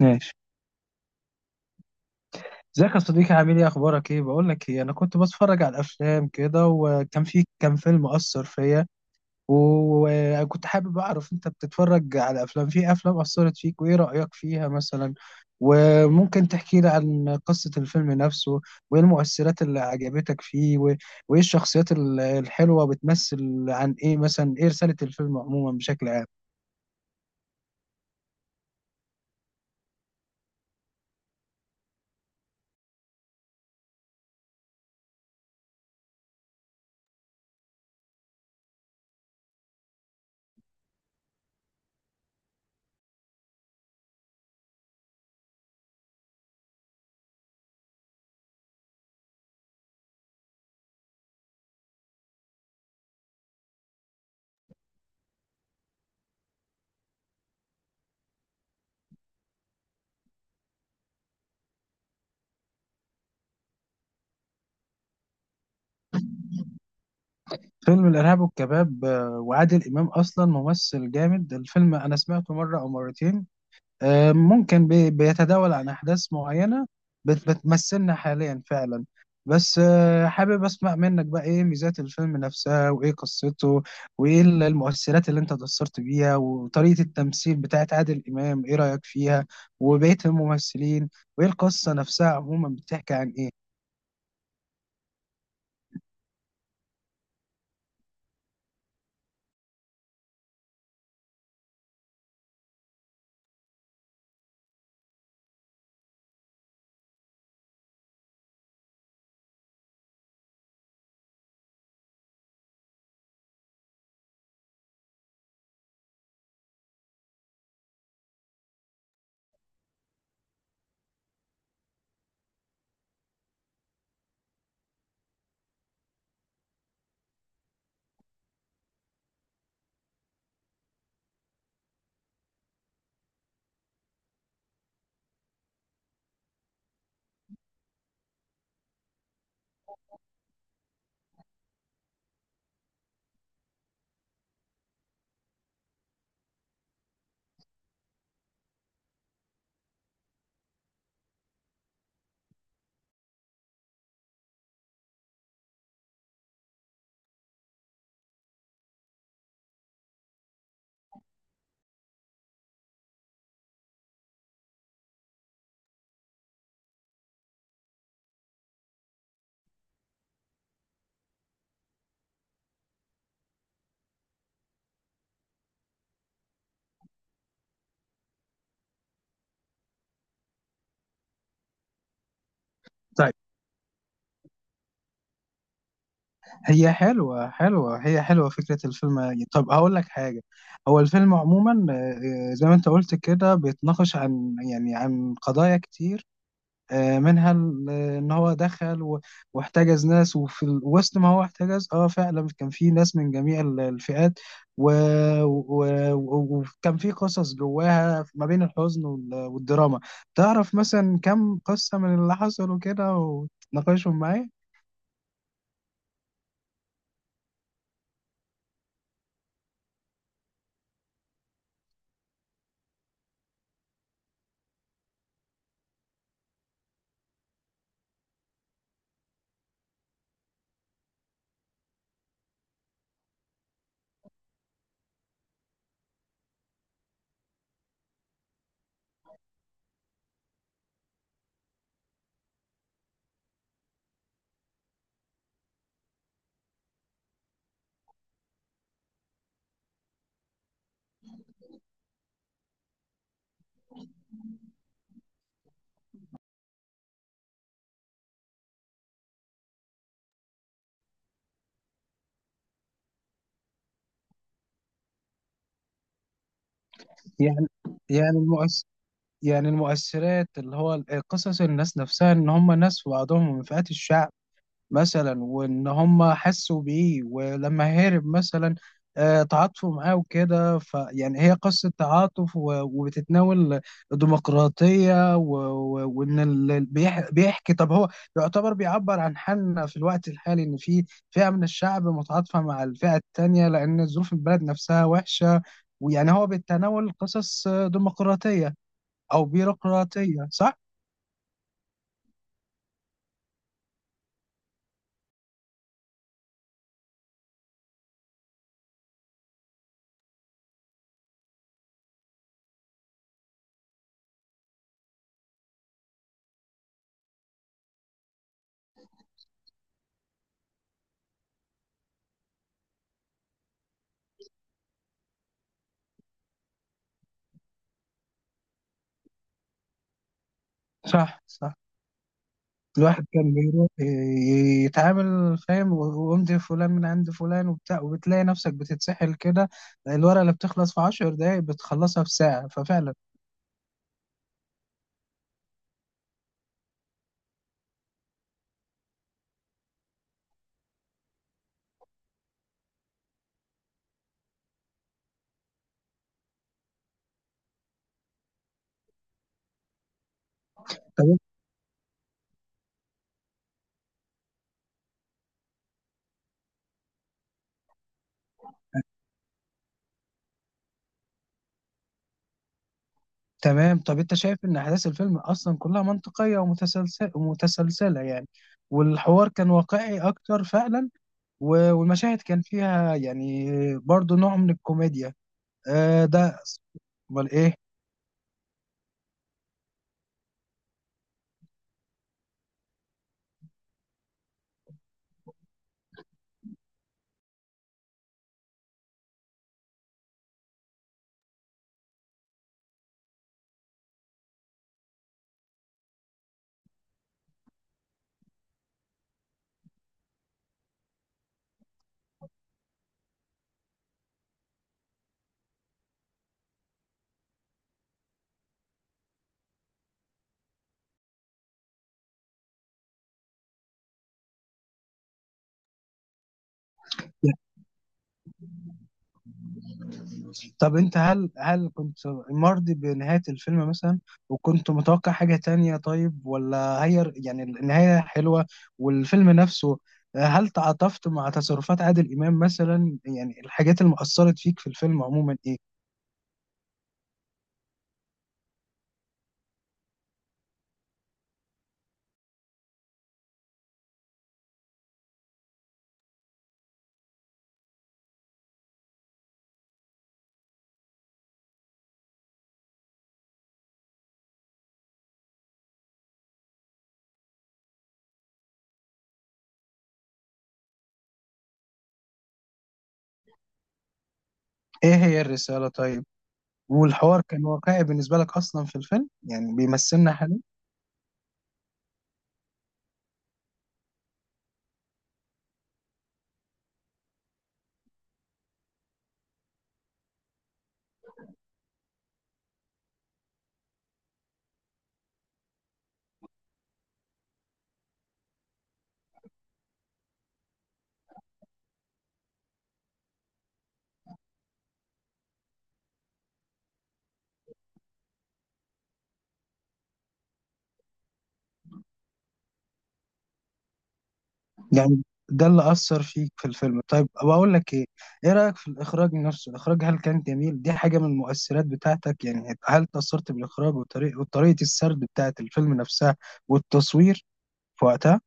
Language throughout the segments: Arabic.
ماشي. ازيك يا صديقي، عامل ايه، اخبارك، ايه بقول لك ايه، انا كنت بتفرج على الافلام كده وكان في كام فيلم اثر فيا، وكنت حابب اعرف انت بتتفرج على افلام، في افلام اثرت فيك وايه رايك فيها مثلا، وممكن تحكي لي عن قصه الفيلم نفسه، وايه المؤثرات اللي عجبتك فيه وايه الشخصيات الحلوه، بتمثل عن ايه، مثلا ايه رساله الفيلم عموما بشكل عام. فيلم الارهاب والكباب، وعادل امام اصلا ممثل جامد. الفيلم انا سمعته مره او مرتين. ممكن بيتداول عن أحداث معينة بتمثلنا حاليا فعلا. بس حابب أسمع منك بقى إيه ميزات الفيلم نفسها، وإيه قصته، وإيه المؤثرات اللي أنت اتأثرت بيها، وطريقة التمثيل بتاعت عادل إمام إيه رأيك فيها وبقية الممثلين، وإيه القصة نفسها عموما بتحكي عن إيه. طيب هي حلوة حلوة، هي حلوة فكرة الفيلم. طب هقول لك حاجة، هو الفيلم عموما، زي ما أنت قلت كده بيتناقش عن عن قضايا كتير، منها ان هو دخل واحتجز ناس، وفي وسط ما هو احتجز اه فعلا كان في ناس من جميع الفئات، و- وكان في قصص جواها ما بين الحزن والدراما. تعرف مثلا كم قصة من اللي حصلوا كده وتناقشهم معايا؟ يعني يعني المؤس يعني المؤثرات اللي هو قصص الناس نفسها، ان هم ناس في بعضهم من فئات الشعب مثلا، وان هم حسوا بيه، ولما هرب مثلا تعاطفوا معاه وكده. فيعني هي قصة تعاطف وبتتناول الديمقراطية وان اللي بيحكي. طب هو يعتبر بيعبر عن حالنا في الوقت الحالي، ان في فئة من الشعب متعاطفة مع الفئة التانية لان ظروف البلد نفسها وحشة. ويعني هو بيتناول قصص ديمقراطية او بيروقراطية، صح؟ صح، صح. الواحد كان بيروح يتعامل، فاهم، وامضي فلان من عند فلان وبتاع، وبتلاقي نفسك بتتسحل كده. الورقة اللي بتخلص في عشر دقايق بتخلصها في ساعة، ففعلا. طب تمام، طب انت شايف ان احداث الفيلم اصلا كلها منطقية ومتسلسلة، ومتسلسلة يعني، والحوار كان واقعي اكتر فعلا، والمشاهد كان فيها يعني برضو نوع من الكوميديا، آه ده. امال ايه. طب انت، هل كنت مرضي بنهاية الفيلم مثلا، وكنت متوقع حاجة تانية، طيب؟ ولا هي يعني النهاية حلوة والفيلم نفسه؟ هل تعاطفت مع تصرفات عادل إمام مثلا؟ يعني الحاجات اللي مأثرت فيك في الفيلم عموما ايه؟ ايه هي الرسالة، طيب؟ والحوار كان واقعي بالنسبة لك أصلا في الفيلم؟ يعني بيمثلنا؟ يعني ده اللي أثر فيك في الفيلم. طيب بقول لك إيه، إيه رأيك في الإخراج نفسه، الإخراج هل كان جميل؟ دي حاجة من المؤثرات بتاعتك يعني، هل تأثرت بالإخراج وطريقة وطريقة السرد بتاعة الفيلم نفسها والتصوير في وقتها؟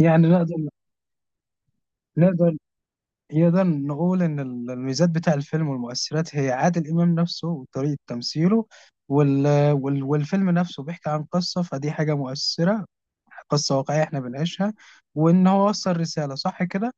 يعني نقدر نقدر نقول إن الميزات بتاع الفيلم والمؤثرات هي عادل إمام نفسه وطريقة تمثيله، وال... والفيلم نفسه بيحكي عن قصة، فدي حاجة مؤثرة، قصة واقعية احنا بنعيشها، وان هو وصل رسالة، صح كده؟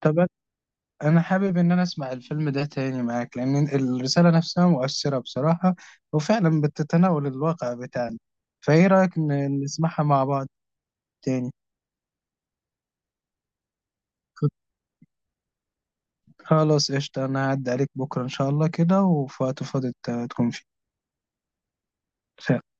طب انا حابب ان انا اسمع الفيلم ده تاني معاك، لان الرسالة نفسها مؤثرة بصراحة، وفعلا بتتناول الواقع بتاعنا. فايه رأيك نسمعها مع بعض تاني؟ خلاص قشطة، انا هعدي عليك بكرة ان شاء الله كده، وفي وقت فاضي تكون فيه. سلام.